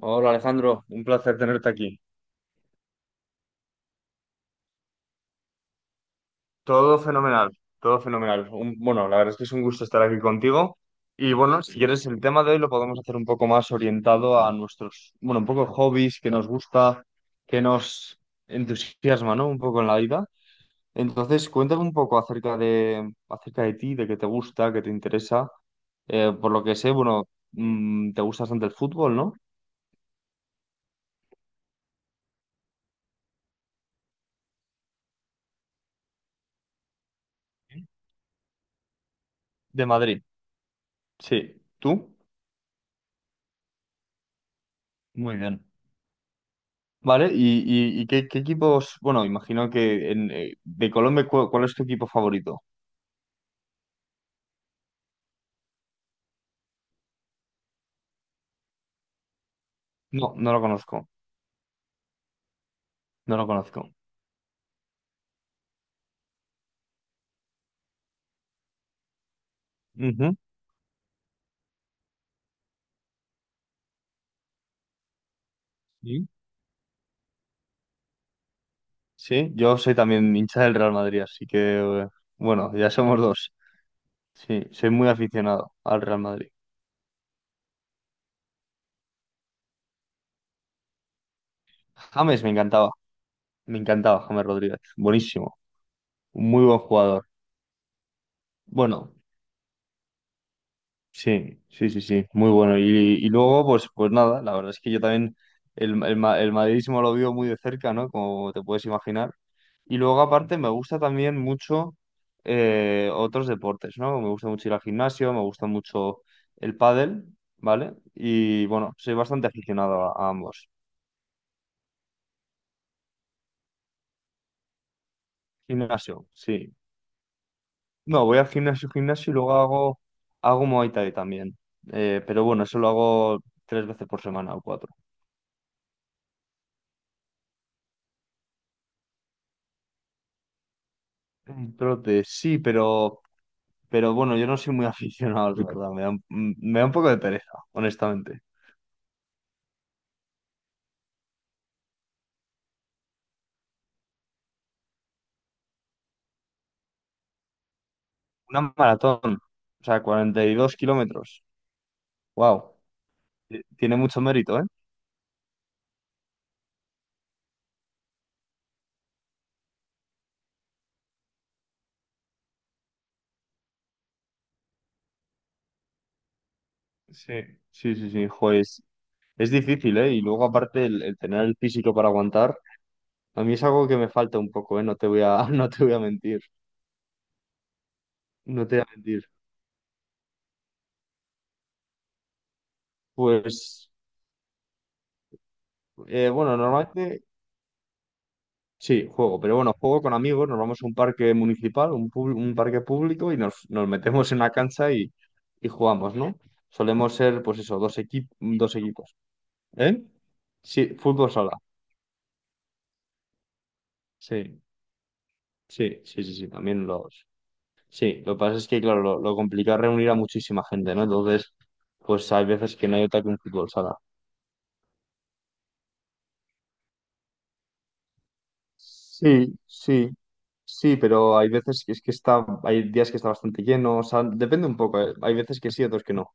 Hola Alejandro, un placer tenerte aquí. Todo fenomenal, todo fenomenal. La verdad es que es un gusto estar aquí contigo. Y bueno, si quieres, el tema de hoy lo podemos hacer un poco más orientado a nuestros, bueno, un poco hobbies que nos gusta, que nos entusiasma, ¿no? Un poco en la vida. Entonces, cuéntame un poco acerca de ti, de qué te gusta, qué te interesa. Por lo que sé, bueno, te gusta bastante el fútbol, ¿no? De Madrid. Sí. ¿Tú? Muy bien. Vale, ¿y qué, qué equipos? Bueno, imagino que de Colombia, ¿cuál es tu equipo favorito? No, no lo conozco, no lo conozco. Ujú. Sí. Sí, yo soy también hincha del Real Madrid, así que, eh, bueno, ya somos dos. Sí, soy muy aficionado al Real Madrid. James me encantaba James Rodríguez, buenísimo, muy buen jugador. Bueno, sí, sí, sí, sí, muy bueno. Y luego, pues nada, la verdad es que yo también el madridismo lo vivo muy de cerca, ¿no? Como te puedes imaginar. Y luego, aparte, me gusta también mucho otros deportes, ¿no? Me gusta mucho ir al gimnasio, me gusta mucho el pádel, ¿vale? Y bueno, soy bastante aficionado a ambos. Gimnasio, sí. No, voy al gimnasio, gimnasio y luego hago, hago Muay Thai también. Pero bueno, eso lo hago tres veces por semana o cuatro. El trote, sí, pero bueno, yo no soy muy aficionado, la verdad. Me da un poco de pereza, honestamente. Una maratón, o sea, 42 kilómetros. Wow, tiene mucho mérito, ¿eh? Sí, sí, sí, sí, jo, es difícil, ¿eh? Y luego aparte el tener el físico para aguantar, a mí es algo que me falta un poco, ¿eh? No te voy a, no te voy a mentir, no te voy a mentir. Pues, bueno, normalmente sí, juego, pero bueno, juego con amigos, nos vamos a un parque municipal, un parque público y nos, nos metemos en una cancha y jugamos, ¿no? Solemos ser, pues eso, dos equipos. ¿Eh? Sí, fútbol sala. Sí, sí, sí, sí, sí, también los... Sí, lo que pasa es que, claro, lo complicado es reunir a muchísima gente, ¿no? Entonces, pues hay veces que no hay otra que un fútbol sala. Sí, sí, sí, pero hay veces que es que está, hay días que está bastante lleno, o sea, depende un poco, ¿eh? Hay veces que sí, otros que no.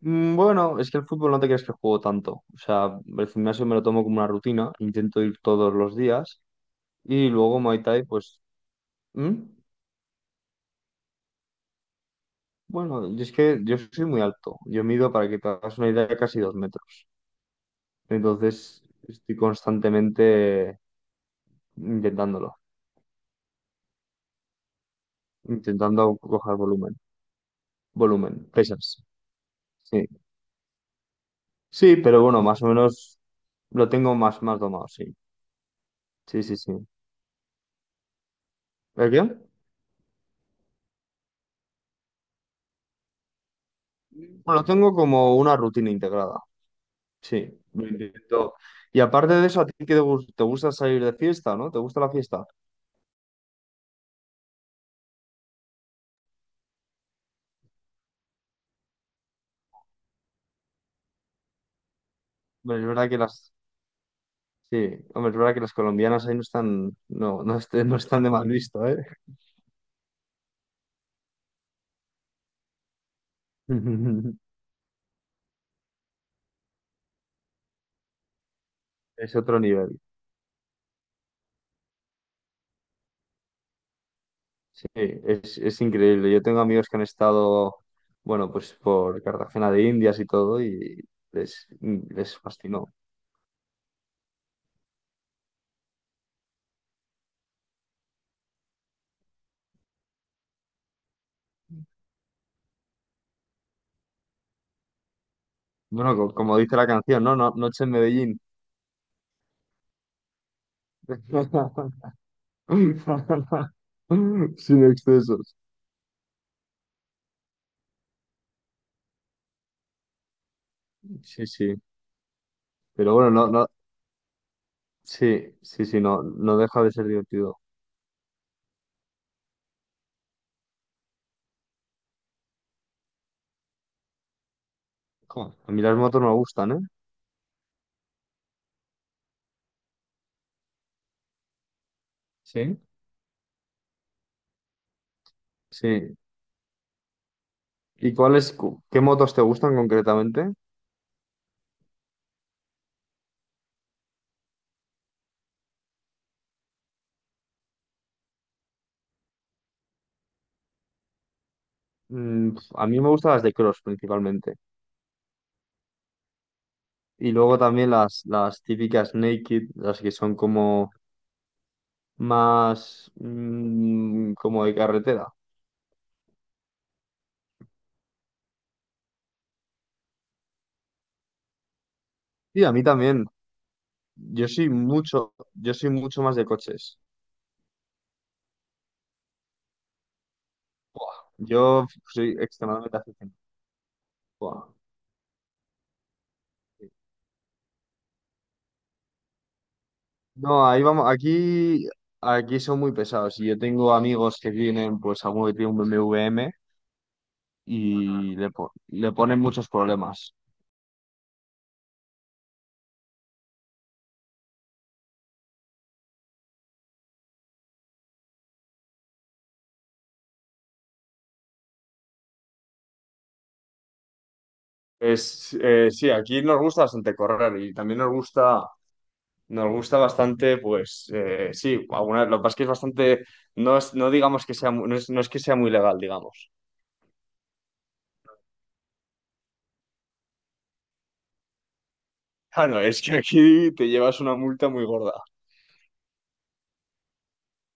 Bueno, es que el fútbol no te creas que juego tanto. O sea, el gimnasio me lo tomo como una rutina, intento ir todos los días y luego Muay Thai, pues... ¿Mm? Bueno, y es que yo soy muy alto. Yo mido, para que te hagas una idea, casi dos metros. Entonces estoy constantemente intentándolo, intentando coger volumen. Volumen, pesas. Sí, sí, pero bueno, más o menos lo tengo más, más domado, sí. Sí, sí, sí. ¿El qué? Bueno, lo tengo como una rutina integrada. Sí, lo intento. Y aparte de eso, ¿a ti qué te gusta salir de fiesta, no? ¿Te gusta la fiesta? Hombre, es verdad que las... Sí, hombre, es verdad que las colombianas ahí no están... No, no, no están de mal visto, ¿eh? Es otro nivel. Sí, es increíble. Yo tengo amigos que han estado, bueno, pues por Cartagena de Indias y todo, y les fascinó. Bueno, como dice la canción, ¿no? Noche en Medellín. Sin excesos. Sí, sí. Pero bueno, no, no, sí, sí, sí, no, no deja de ser divertido. Jo, a mí las motos me gustan, ¿eh? ¿Sí? Sí. ¿Y cuáles, qué motos te gustan concretamente? Mm, pf, a mí me gustan las de cross principalmente. Y luego también las típicas naked, las que son como más como de carretera. Y a mí también. Yo soy mucho más de coches. Buah, yo soy extremadamente aficionado. Buah. Sí. No, ahí vamos, aquí son muy pesados. Y yo tengo amigos que tienen, pues, alguno que tiene un BMW M W M y le ponen muchos problemas. Es, sí, aquí nos gusta bastante correr y también nos gusta bastante, pues, sí, alguna, lo que pasa es que es bastante, no digamos que sea, no es que sea muy legal, digamos. Ah, no, es que aquí te llevas una multa muy gorda.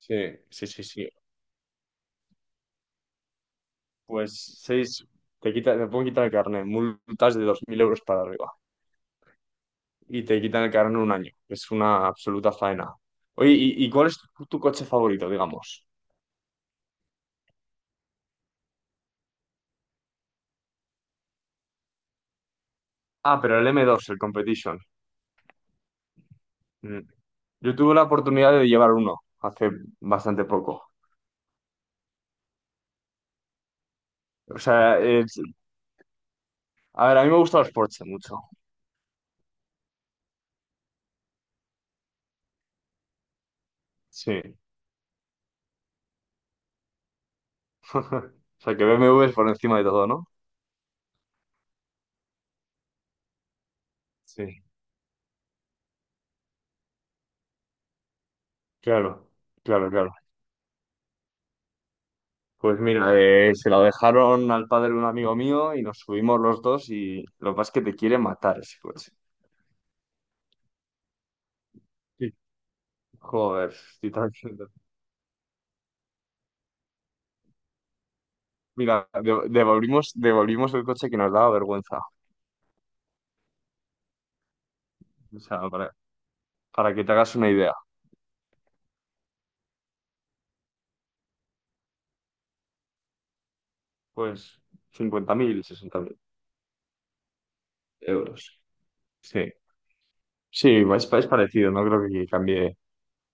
Sí, sí, sí, sí. Pues seis, te quita, te pueden quitar el carnet, multas de 2.000 euros para arriba. Y te quitan el carro en un año. Es una absoluta faena. Oye, ¿y cuál es tu coche favorito, digamos? Ah, pero el m dos el Competition. Mm. Yo tuve la oportunidad de llevar uno hace bastante poco. O sea, es- a ver, a mí me gustan los Porsche mucho. Sí. O sea, que BMW es por encima de todo, ¿no? Sí. Claro, claro, claro. Pues mira, se lo dejaron al padre de un amigo mío y nos subimos los dos y lo que pasa es que te quiere matar ese coche. Sí. Joder, estoy tan- Mira, devolvimos, devolvimos el coche que nos daba vergüenza. O sea, para que te hagas una idea. Pues 50.000, 60.000 euros. Sí. Sí, es parecido, no creo que cambie,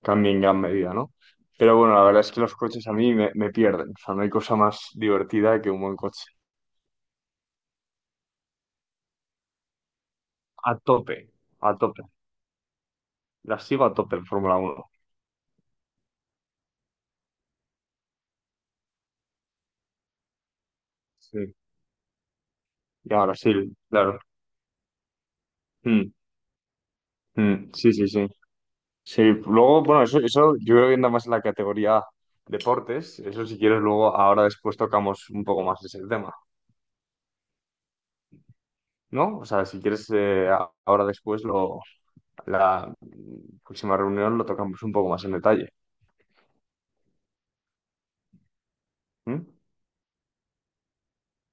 cambie en gran medida, ¿no? Pero bueno, la verdad es que los coches a mí me pierden. O sea, no hay cosa más divertida que un buen coche. A tope, a tope. La sigo a tope en Fórmula uno. Sí. Y ahora sí, claro. Mm, mm, sí, sí, sí. Sí, luego, bueno, eso yo creo que anda más en la categoría deportes. Eso si quieres, luego ahora después tocamos un poco más ese tema, ¿no? O sea, si quieres, ahora después, la próxima reunión lo tocamos un poco más en detalle. ¿M?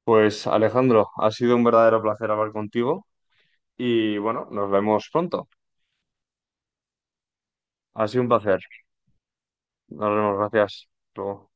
Pues Alejandro, ha sido un verdadero placer hablar contigo y bueno, nos vemos pronto. Ha sido un placer. Nos vemos, gracias. Hasta luego.